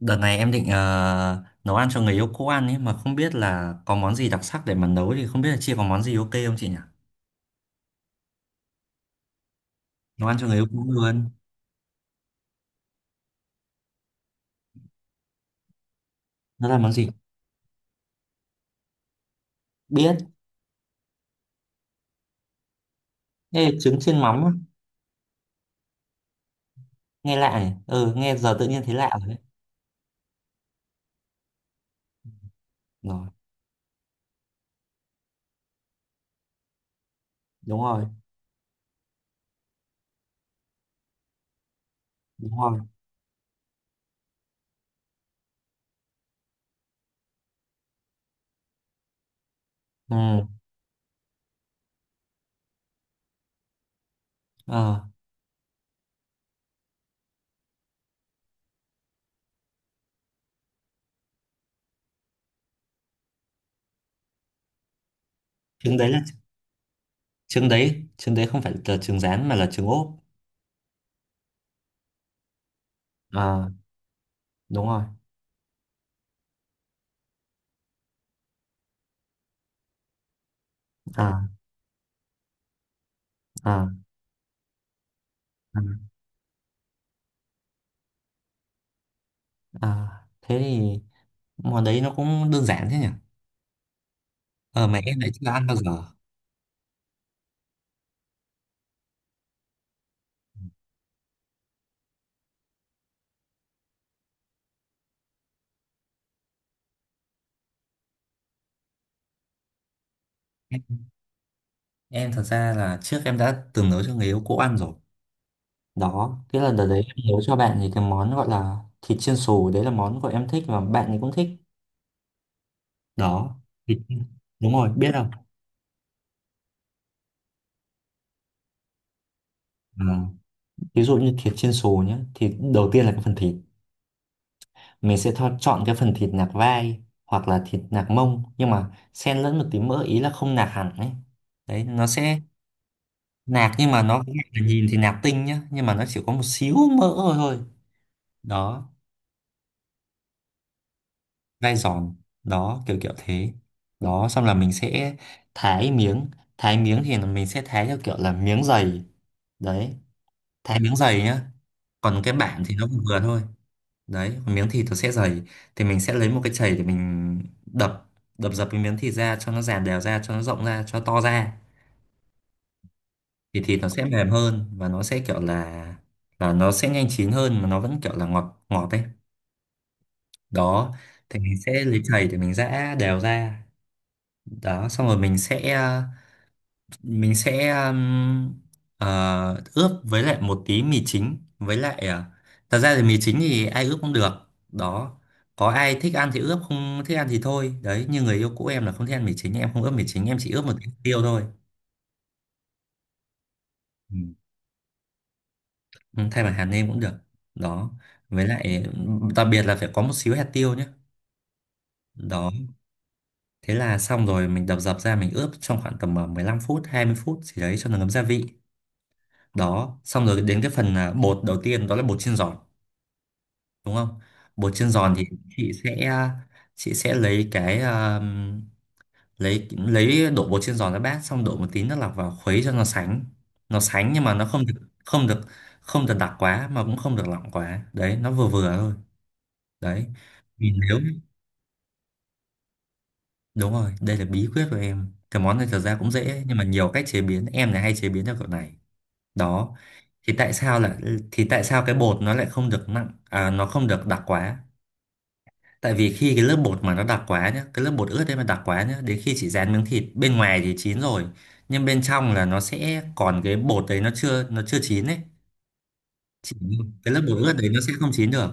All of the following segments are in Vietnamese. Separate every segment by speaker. Speaker 1: Đợt này em định nấu ăn cho người yêu cũ ăn ấy mà không biết là có món gì đặc sắc để mà nấu thì không biết là chị có món gì ok không chị nhỉ? Nấu ăn cho người yêu cũ luôn. Nó là món gì? Biết. Ê, trứng chiên mắm á. Nghe lạ nhỉ? Ừ, nghe giờ tự nhiên thấy lạ rồi đấy. Rồi, đúng rồi, đúng rồi. Ừ, ờ, trứng đấy là trứng đấy, không phải là trứng rán mà là trứng ốp. Ờ, đúng rồi. Ờ, ờ, ờ, ờ. Thế thì món đấy nó cũng đơn giản thế nhỉ? Ờ, mà em lại chưa ăn bao giờ. Em thật ra là trước em đã từng nấu cho người yêu cũ ăn rồi. Đó, cái lần đợt ờ, đấy em nấu cho bạn thì cái món gọi là thịt chiên xù, đấy là món của em thích và bạn ấy cũng thích. Đó, thịt đúng rồi, biết không? À, ví dụ như thịt chiên xù nhé, thì đầu tiên là cái phần thịt. Mình sẽ chọn cái phần thịt nạc vai hoặc là thịt nạc mông nhưng mà xen lẫn một tí mỡ ý là không nạc hẳn ấy. Đấy, nó sẽ nạc nhưng mà nó cũng là nhìn thì nạc tinh nhá, nhưng mà nó chỉ có một xíu mỡ thôi thôi. Đó, gai giòn, đó kiểu kiểu thế, đó xong là mình sẽ thái miếng, thái miếng thì là mình sẽ thái theo kiểu là miếng dày. Đấy, thái miếng dày nhá, còn cái bản thì nó vừa vừa thôi. Đấy, còn miếng thịt nó sẽ dày, thì mình sẽ lấy một cái chày để mình đập, đập dập cái miếng thịt ra cho nó dàn đều ra cho nó rộng ra cho nó to ra, thì thịt nó sẽ mềm hơn và nó sẽ kiểu là nó sẽ nhanh chín hơn mà nó vẫn kiểu là ngọt ngọt ấy. Đó, thì mình sẽ lấy chày để mình giã đều ra. Đó xong rồi mình sẽ ướp với lại một tí mì chính với lại thật ra thì mì chính thì ai ướp cũng được. Đó, có ai thích ăn thì ướp, không thích ăn thì thôi, đấy như người yêu cũ em là không thích ăn mì chính, em không ướp mì chính, em chỉ ướp một tí hạt tiêu thôi. Ừ. Ừ, thay bằng hạt nêm cũng được. Đó, với lại đặc biệt là phải có một xíu hạt tiêu nhé. Đó, thế là xong rồi mình đập dập ra, mình ướp trong khoảng tầm 15 phút 20 phút gì đấy cho nó ngấm gia vị. Đó xong rồi đến cái phần à, bột đầu tiên đó là bột chiên giòn, đúng không? Bột chiên giòn thì chị sẽ chị sẽ lấy cái lấy đổ bột chiên giòn ra bát, xong đổ một tí nước lọc vào khuấy cho nó sánh. Nó sánh nhưng mà nó không được, không được không được đặc quá mà cũng không được lỏng quá, đấy nó vừa vừa thôi. Đấy vì nếu đúng rồi, đây là bí quyết của em, cái món này thật ra cũng dễ nhưng mà nhiều cách chế biến, em này hay chế biến theo kiểu này. Đó, thì tại sao là thì tại sao cái bột nó lại không được nặng à, nó không được đặc quá. Tại vì khi cái lớp bột mà nó đặc quá nhá, cái lớp bột ướt đấy mà đặc quá nhá, đến khi chị rán miếng thịt bên ngoài thì chín rồi, nhưng bên trong là nó sẽ còn cái bột đấy nó chưa chín đấy, chỉ cái lớp bột ướt đấy nó sẽ không chín được.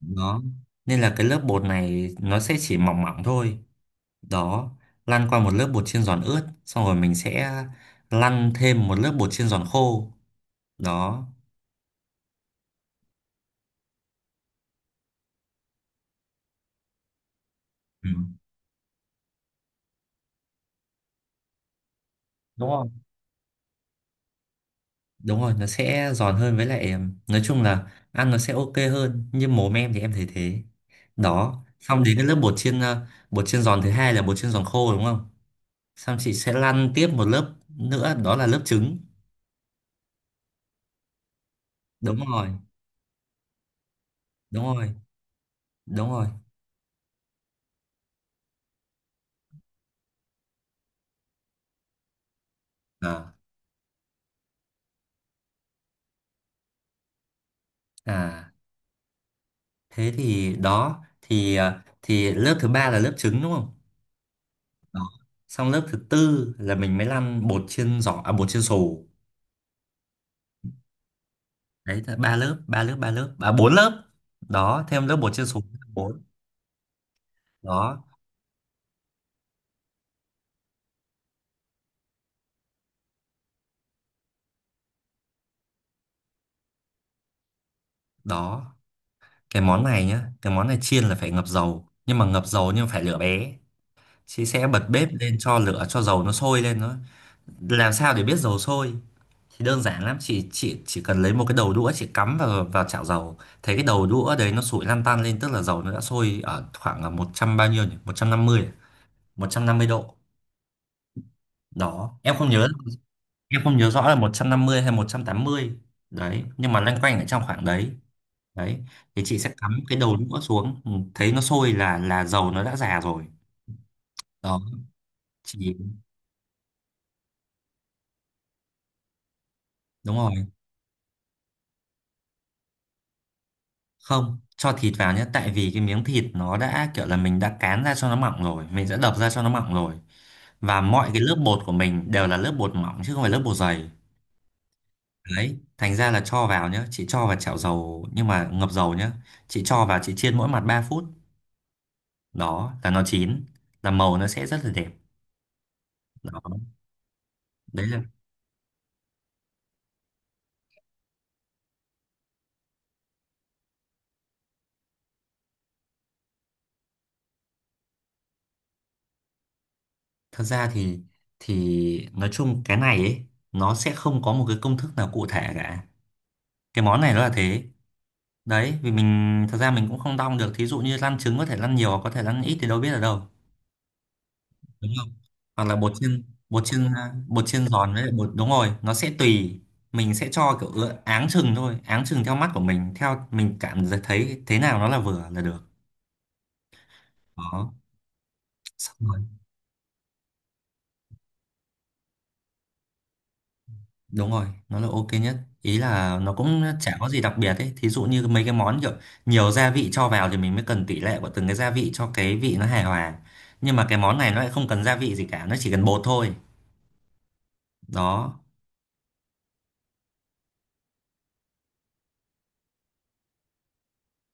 Speaker 1: Đó, nên là cái lớp bột này nó sẽ chỉ mỏng mỏng thôi. Đó, lăn qua một lớp bột chiên giòn ướt, xong rồi mình sẽ lăn thêm một lớp bột chiên giòn khô. Đó, ừ, đúng không? Đúng rồi, nó sẽ giòn hơn với lại nói chung là ăn nó sẽ ok hơn, như mồm em thì em thấy thế. Đó xong đến cái lớp bột chiên bột chiên giòn thứ hai là bột chiên giòn khô, đúng không? Xong chị sẽ lăn tiếp một lớp nữa, đó là lớp trứng. Đúng rồi, đúng rồi, đúng rồi, à, à thế thì đó thì thì lớp thứ ba là lớp trứng đúng không. Đó, xong lớp thứ tư là mình mới lăn bột chiên giòn à bột chiên xù. Đấy là 3 lớp 3 lớp 3 lớp à 4 lớp. Đó, thêm lớp bột chiên xù là bốn. Đó, đó cái món này nhá, cái món này chiên là phải ngập dầu, nhưng mà ngập dầu nhưng phải lửa bé. Chị sẽ bật bếp lên cho lửa cho dầu nó sôi lên. Nó làm sao để biết dầu sôi thì đơn giản lắm, chị chỉ cần lấy một cái đầu đũa, chị cắm vào vào chảo dầu, thấy cái đầu đũa đấy nó sủi lăn tăn lên tức là dầu nó đã sôi ở khoảng là một trăm bao nhiêu nhỉ, 150 à? 150 độ. Đó em không nhớ, em không nhớ rõ là 150 hay 180. Đấy nhưng mà loanh quanh ở trong khoảng đấy. Đấy thì chị sẽ cắm cái đầu đũa xuống, ừ, thấy nó sôi là dầu nó đã già rồi. Đó, chị đúng rồi, không cho thịt vào nhé, tại vì cái miếng thịt nó đã kiểu là mình đã cán ra cho nó mỏng rồi, mình đã đập ra cho nó mỏng rồi, và mọi cái lớp bột của mình đều là lớp bột mỏng chứ không phải lớp bột dày. Đấy thành ra là cho vào nhé, chị cho vào chảo dầu nhưng mà ngập dầu nhé. Chị cho vào chị chiên mỗi mặt 3 phút, đó là nó chín, là màu nó sẽ rất là đẹp. Đó, đấy là thật ra thì nói chung cái này ấy, nó sẽ không có một cái công thức nào cụ thể cả. Cái món này nó là thế. Đấy, vì mình thật ra mình cũng không đong được. Thí dụ như lăn trứng có thể lăn nhiều có thể lăn ít thì đâu biết ở đâu. Đúng không? Hoặc là bột chiên giòn với lại bột đúng rồi, nó sẽ tùy mình sẽ cho kiểu áng chừng thôi, áng chừng theo mắt của mình, theo mình cảm thấy thế nào nó là vừa là được. Đó. Xong rồi. Đúng rồi, nó là ok nhất. Ý là nó cũng chả có gì đặc biệt ấy. Thí dụ như mấy cái món kiểu nhiều gia vị cho vào thì mình mới cần tỷ lệ của từng cái gia vị cho cái vị nó hài hòa. Nhưng mà cái món này nó lại không cần gia vị gì cả, nó chỉ cần bột thôi. Đó,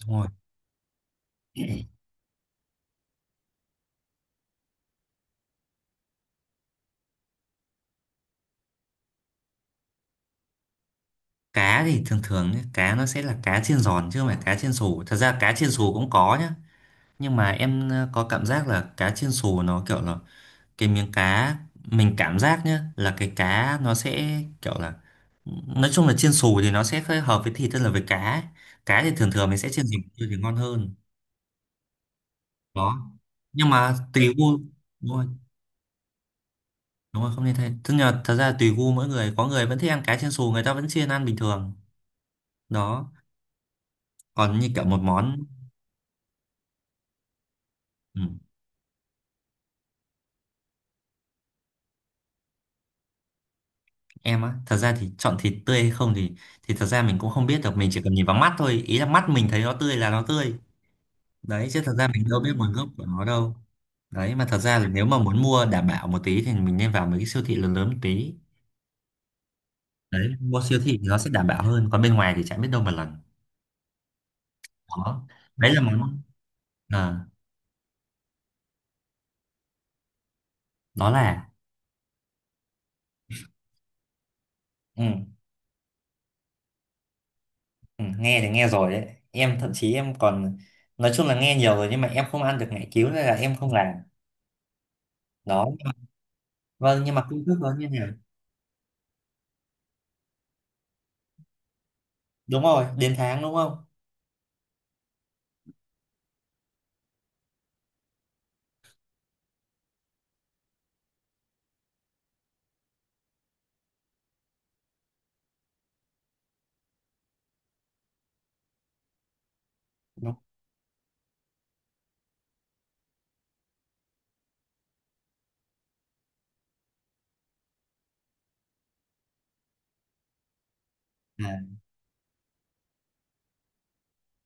Speaker 1: đúng rồi. Cá thì thường thường nhé, cá nó sẽ là cá chiên giòn chứ không phải cá chiên xù. Thật ra cá chiên xù cũng có nhá. Nhưng mà em có cảm giác là cá chiên xù nó kiểu là cái miếng cá, mình cảm giác nhá là cái cá nó sẽ kiểu là nói chung là chiên xù thì nó sẽ hơi hợp với thịt hơn là với cá. Cá thì thường thường mình sẽ chiên dìm thì ngon hơn. Đó nhưng mà tùy gu, đúng rồi, đúng rồi, không nên thay, tức là thật ra tùy gu mỗi người, có người vẫn thích ăn cá chiên xù, người ta vẫn chiên ăn bình thường. Đó còn như kiểu một món, ừ, em á thật ra thì chọn thịt tươi hay không thì thật ra mình cũng không biết được, mình chỉ cần nhìn vào mắt thôi, ý là mắt mình thấy nó tươi là nó tươi. Đấy chứ thật ra mình đâu biết nguồn gốc của nó đâu. Đấy mà thật ra là nếu mà muốn mua đảm bảo một tí thì mình nên vào mấy cái siêu thị lớn lớn một tí. Đấy mua siêu thị thì nó sẽ đảm bảo hơn, còn bên ngoài thì chẳng biết đâu mà lần. Đó, đấy là món à, đó là ừ, ừ, nghe thì nghe rồi đấy, em thậm chí em còn nói chung là nghe nhiều rồi, nhưng mà em không ăn được ngải cứu nên là em không làm. Đó, vâng nhưng mà cũng thức đó như thế nào, đúng rồi đến tháng đúng không. Đúng. À,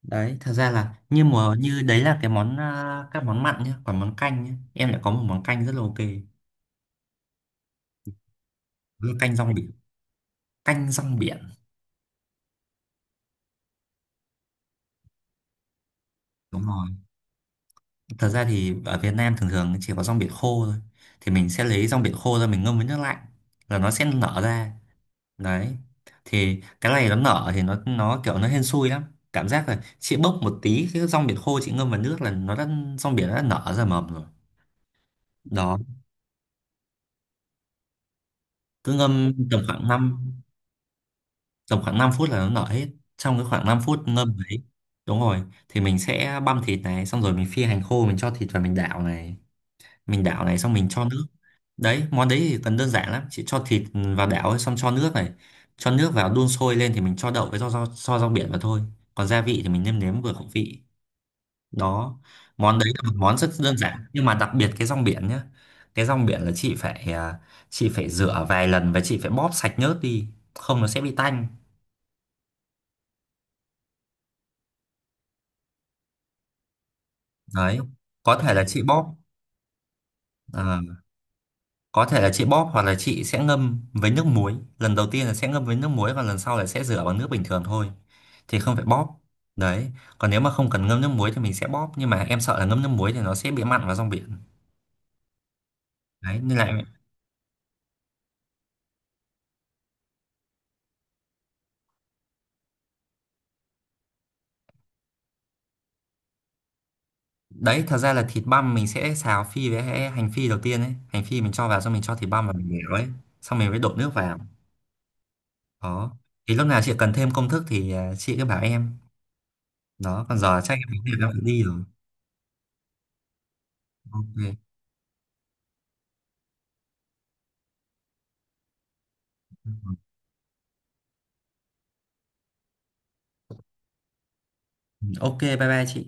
Speaker 1: đấy thật ra là như mùa như đấy là cái món à, các món mặn nhá, còn món canh nhá em lại có một món canh rất là ok. Đó là canh rong biển, canh rong biển, đúng rồi. Thật ra thì ở Việt Nam thường thường chỉ có rong biển khô thôi, thì mình sẽ lấy rong biển khô ra mình ngâm với nước lạnh là nó sẽ nở ra. Đấy thì cái này nó nở thì nó kiểu nó hên xui lắm, cảm giác là chị bốc một tí cái rong biển khô chị ngâm vào nước là nó đã, rong biển nó đã nở ra mầm rồi. Đó, cứ ngâm tầm khoảng năm, tầm khoảng 5 phút là nó nở hết, trong cái khoảng 5 phút ngâm đấy. Đúng rồi, thì mình sẽ băm thịt này, xong rồi mình phi hành khô, mình cho thịt vào mình đảo này, mình đảo này xong mình cho nước. Đấy món đấy thì cần đơn giản lắm, chị cho thịt vào đảo ấy, xong cho nước này, cho nước vào đun sôi lên thì mình cho đậu với rau biển vào thôi. Còn gia vị thì mình nêm nếm vừa khẩu vị. Đó, món đấy là một món rất đơn giản nhưng mà đặc biệt cái rong biển nhá. Cái rong biển là chị phải à, chị phải rửa vài lần và chị phải bóp sạch nhớt đi, không nó sẽ bị tanh. Đấy có thể là chị bóp, ờ, có thể là chị bóp hoặc là chị sẽ ngâm với nước muối, lần đầu tiên là sẽ ngâm với nước muối và lần sau là sẽ rửa bằng nước bình thường thôi thì không phải bóp. Đấy còn nếu mà không cần ngâm nước muối thì mình sẽ bóp, nhưng mà em sợ là ngâm nước muối thì nó sẽ bị mặn vào rong biển. Đấy nên lại, đấy thật ra là thịt băm mình sẽ xào phi với hành phi đầu tiên ấy, hành phi mình cho vào xong mình cho thịt băm vào mình đảo ấy, xong mình mới đổ nước vào. Đó thì lúc nào chị cần thêm công thức thì à, chị cứ bảo em. Đó còn giờ chắc em có việc em phải đi rồi. Ok. Ok bye bye chị.